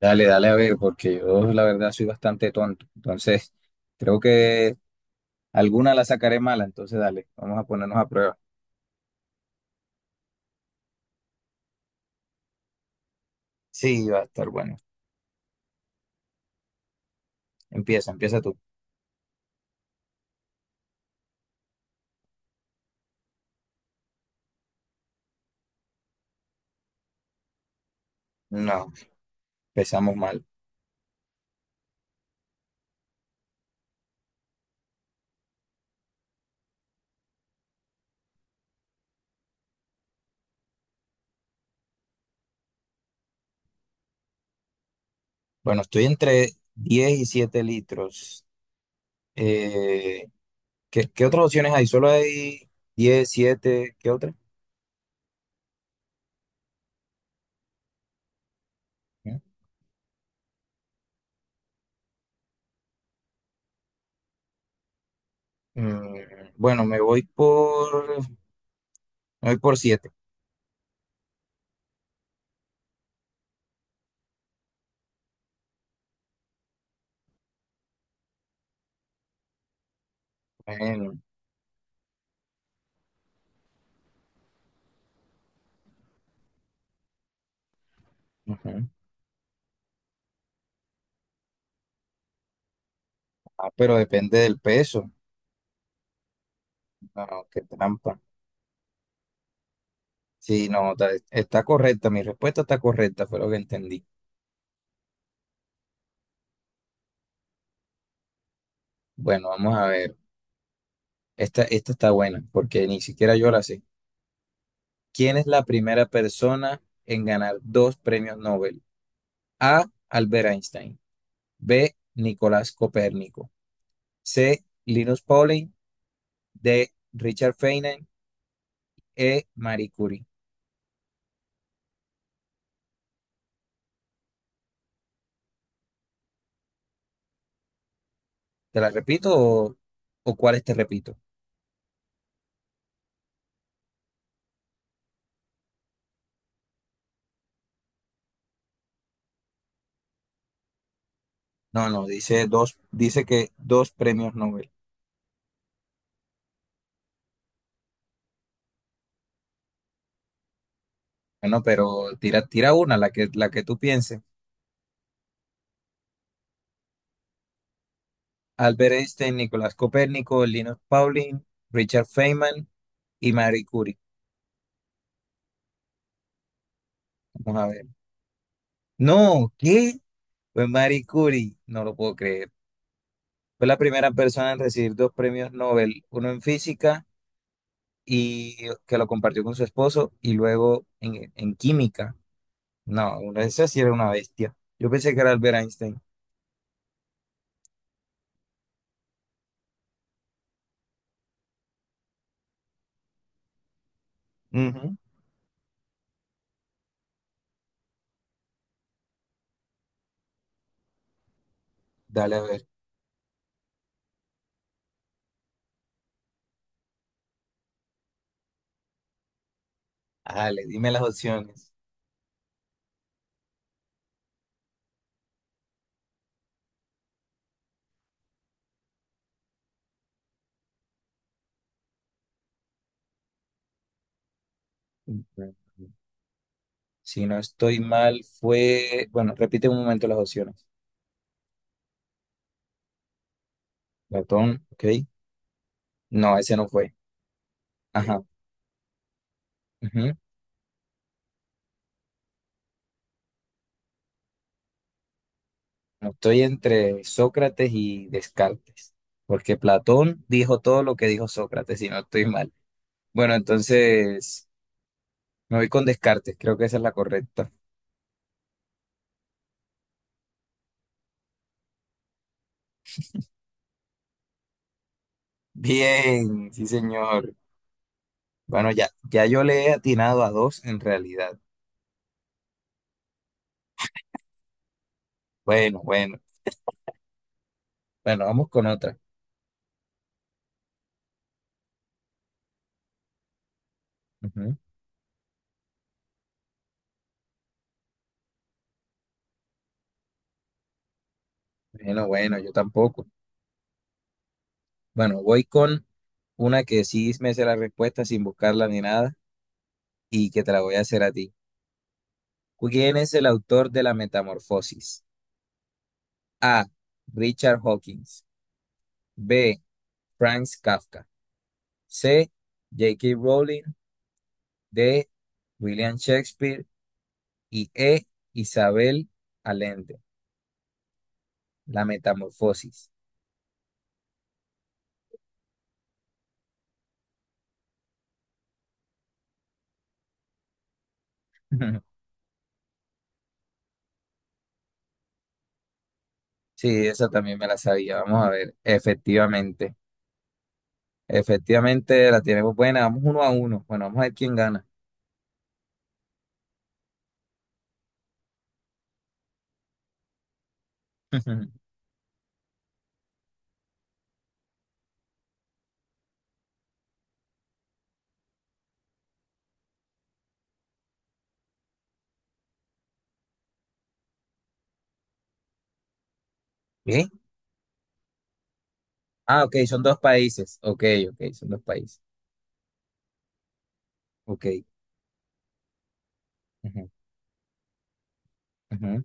Dale, dale a ver, porque yo la verdad soy bastante tonto. Entonces, creo que alguna la sacaré mala. Entonces, dale, vamos a ponernos a prueba. Sí, va a estar bueno. Empieza, empieza tú. No, empezamos mal. Bueno, estoy entre 10 y 7 litros. Eh, ¿qué otras opciones hay? Solo hay 10 7 ¿qué otra? ¿Eh? Bueno, me voy por siete. Bueno, ujú. Ah, pero depende del peso. No, qué trampa. Sí, no, está correcta, mi respuesta está correcta, fue lo que entendí. Bueno, vamos a ver. Esta está buena, porque ni siquiera yo la sé. ¿Quién es la primera persona en ganar dos premios Nobel? A. Albert Einstein. B. Nicolás Copérnico. C. Linus Pauling. D. Richard Feynman. E. Marie Curie. ¿Te la repito o cuáles te repito? No, no, dice dos, dice que dos premios Nobel. Bueno, pero tira una, la que tú pienses. Albert Einstein, Nicolás Copérnico, Linus Pauling, Richard Feynman y Marie Curie. Vamos a ver. No, ¿qué? Fue Marie Curie, no lo puedo creer. Fue la primera persona en recibir dos premios Nobel, uno en física y que lo compartió con su esposo y luego en química. No, esa sí era una bestia. Yo pensé que era Albert Einstein. Ujú. Dale, a ver. Dale, dime las opciones. Ujú. Si no estoy mal, fue. Bueno, repite un momento las opciones. Platón, ok. No, ese no fue. Ajá. Ujú. No, estoy entre Sócrates y Descartes, porque Platón dijo todo lo que dijo Sócrates, si no estoy mal. Bueno, entonces me voy con Descartes, creo que esa es la correcta. Bien, sí, señor. Bueno, ya, ya yo le he atinado a dos en realidad. Bueno, bueno, bueno, vamos con otra. Ujú. Bueno, bueno, yo tampoco. Bueno, voy con una que sí me sé la respuesta sin buscarla ni nada y que te la voy a hacer a ti. ¿Quién es el autor de La Metamorfosis? A. Richard Hawkins. B. Franz Kafka. C. J.K. Rowling. D. William Shakespeare. Y E. Isabel Allende. La Metamorfosis. Sí, esa también me la sabía. Vamos a ver. Efectivamente. Efectivamente la tenemos buena. Vamos 1-1. Bueno, vamos a ver quién gana. ¿Qué? Ah, ok, son dos países. Ok, ok, son dos países. Ok. Ujú, ujú.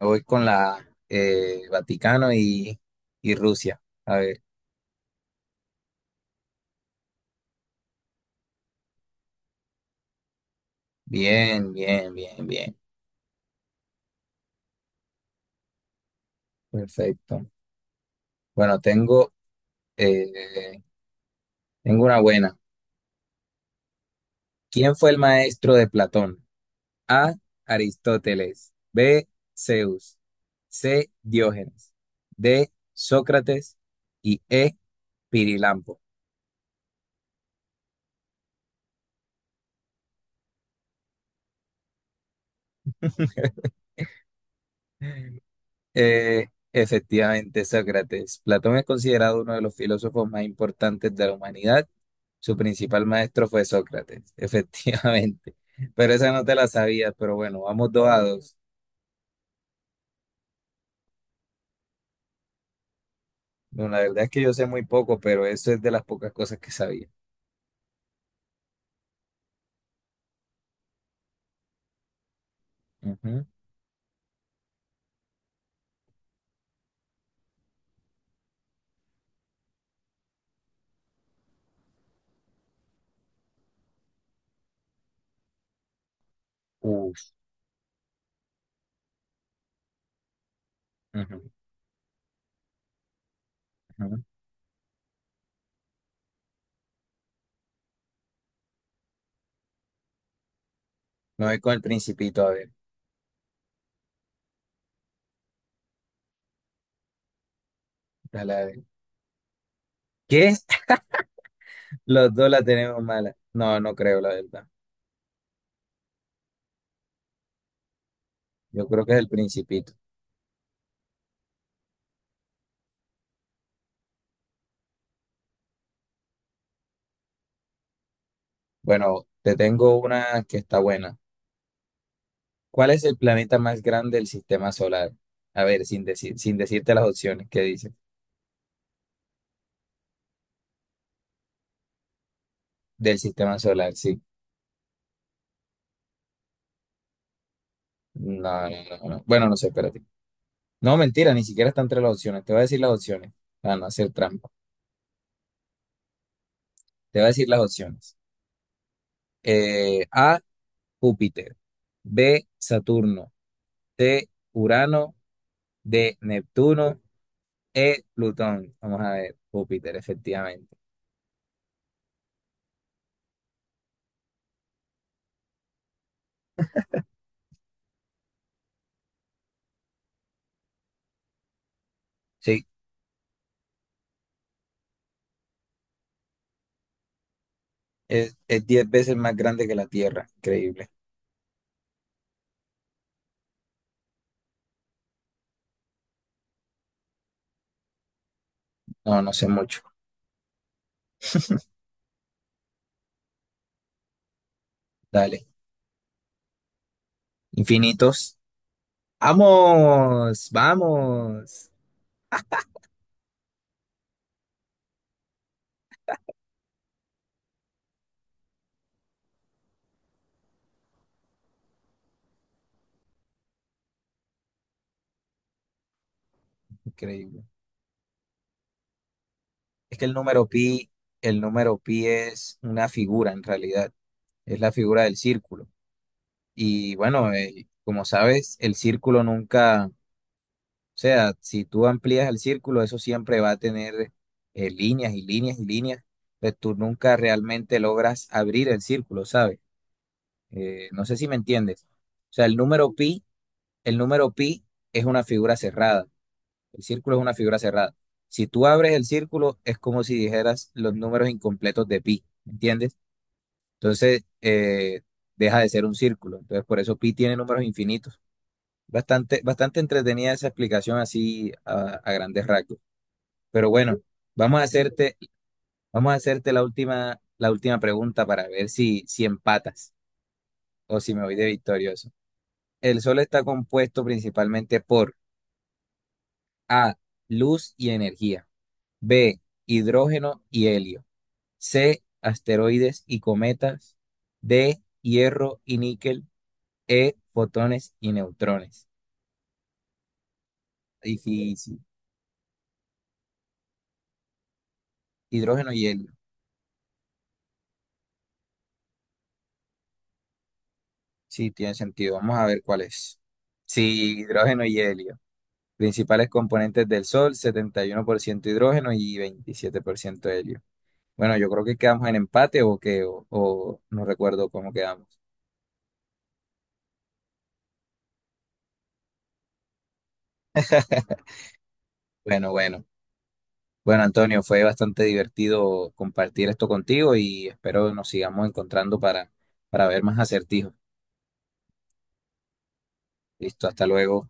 Me voy con la Vaticano y Rusia. A ver, bien, bien, bien, bien. Perfecto. Bueno, eh, tengo una buena. ¿Quién fue el maestro de Platón? A. Aristóteles. B. Zeus. C. Diógenes. D. Sócrates. Y E. Pirilampo. Efectivamente, Sócrates. Platón es considerado uno de los filósofos más importantes de la humanidad. Su principal maestro fue Sócrates, efectivamente. Pero esa no te la sabías, pero bueno, vamos 2-2. Bueno, la verdad es que yo sé muy poco, pero eso es de las pocas cosas que sabía. Ujú. Uf. Ujú, ujú. Me voy con el principito, a ver. Dale, a ver. ¿Qué? Los dos la tenemos mala. No, no creo, la verdad. Yo creo que es el principito. Bueno, te tengo una que está buena. ¿Cuál es el planeta más grande del sistema solar? A ver, sin decirte las opciones que dice. Del sistema solar, sí. No, no, no, no. Bueno, no sé, espérate. No, mentira, ni siquiera está entre las opciones. Te voy a decir las opciones para no hacer trampa. Te voy a decir las opciones. A, Júpiter. B, Saturno. C, Urano. D, Neptuno. E, Plutón. Vamos a ver, Júpiter, efectivamente. Sí, es 10 veces más grande que la Tierra. Increíble. No, no sé mucho. Dale. Infinitos. Vamos, vamos. Increíble. Es que el número pi es una figura en realidad, es la figura del círculo. Y bueno, como sabes, el círculo nunca, o sea, si tú amplías el círculo, eso siempre va a tener líneas y líneas y líneas, pues tú nunca realmente logras abrir el círculo, ¿sabes? No sé si me entiendes. O sea, el número pi es una figura cerrada. El círculo es una figura cerrada. Si tú abres el círculo, es como si dijeras los números incompletos de pi, ¿entiendes? Entonces, deja de ser un círculo. Entonces, por eso pi tiene números infinitos. Bastante, bastante entretenida esa explicación así a grandes rasgos. Pero bueno, vamos a hacerte, vamos a hacerte la última pregunta para ver si, empatas o si me voy de victorioso. El Sol está compuesto principalmente por A, luz y energía, B, hidrógeno y helio. C, asteroides y cometas. D, hierro y níquel. E, fotones y neutrones. Difícil. Hidrógeno y helio. Sí, tiene sentido. Vamos a ver cuál es. Sí, hidrógeno y helio. Principales componentes del Sol, 71% hidrógeno y 27% helio. Bueno, yo creo que quedamos en empate o que, o no recuerdo cómo quedamos. Bueno, bueno. Bueno, Antonio, fue bastante divertido compartir esto contigo y espero nos sigamos encontrando para ver más acertijos. Listo, hasta luego.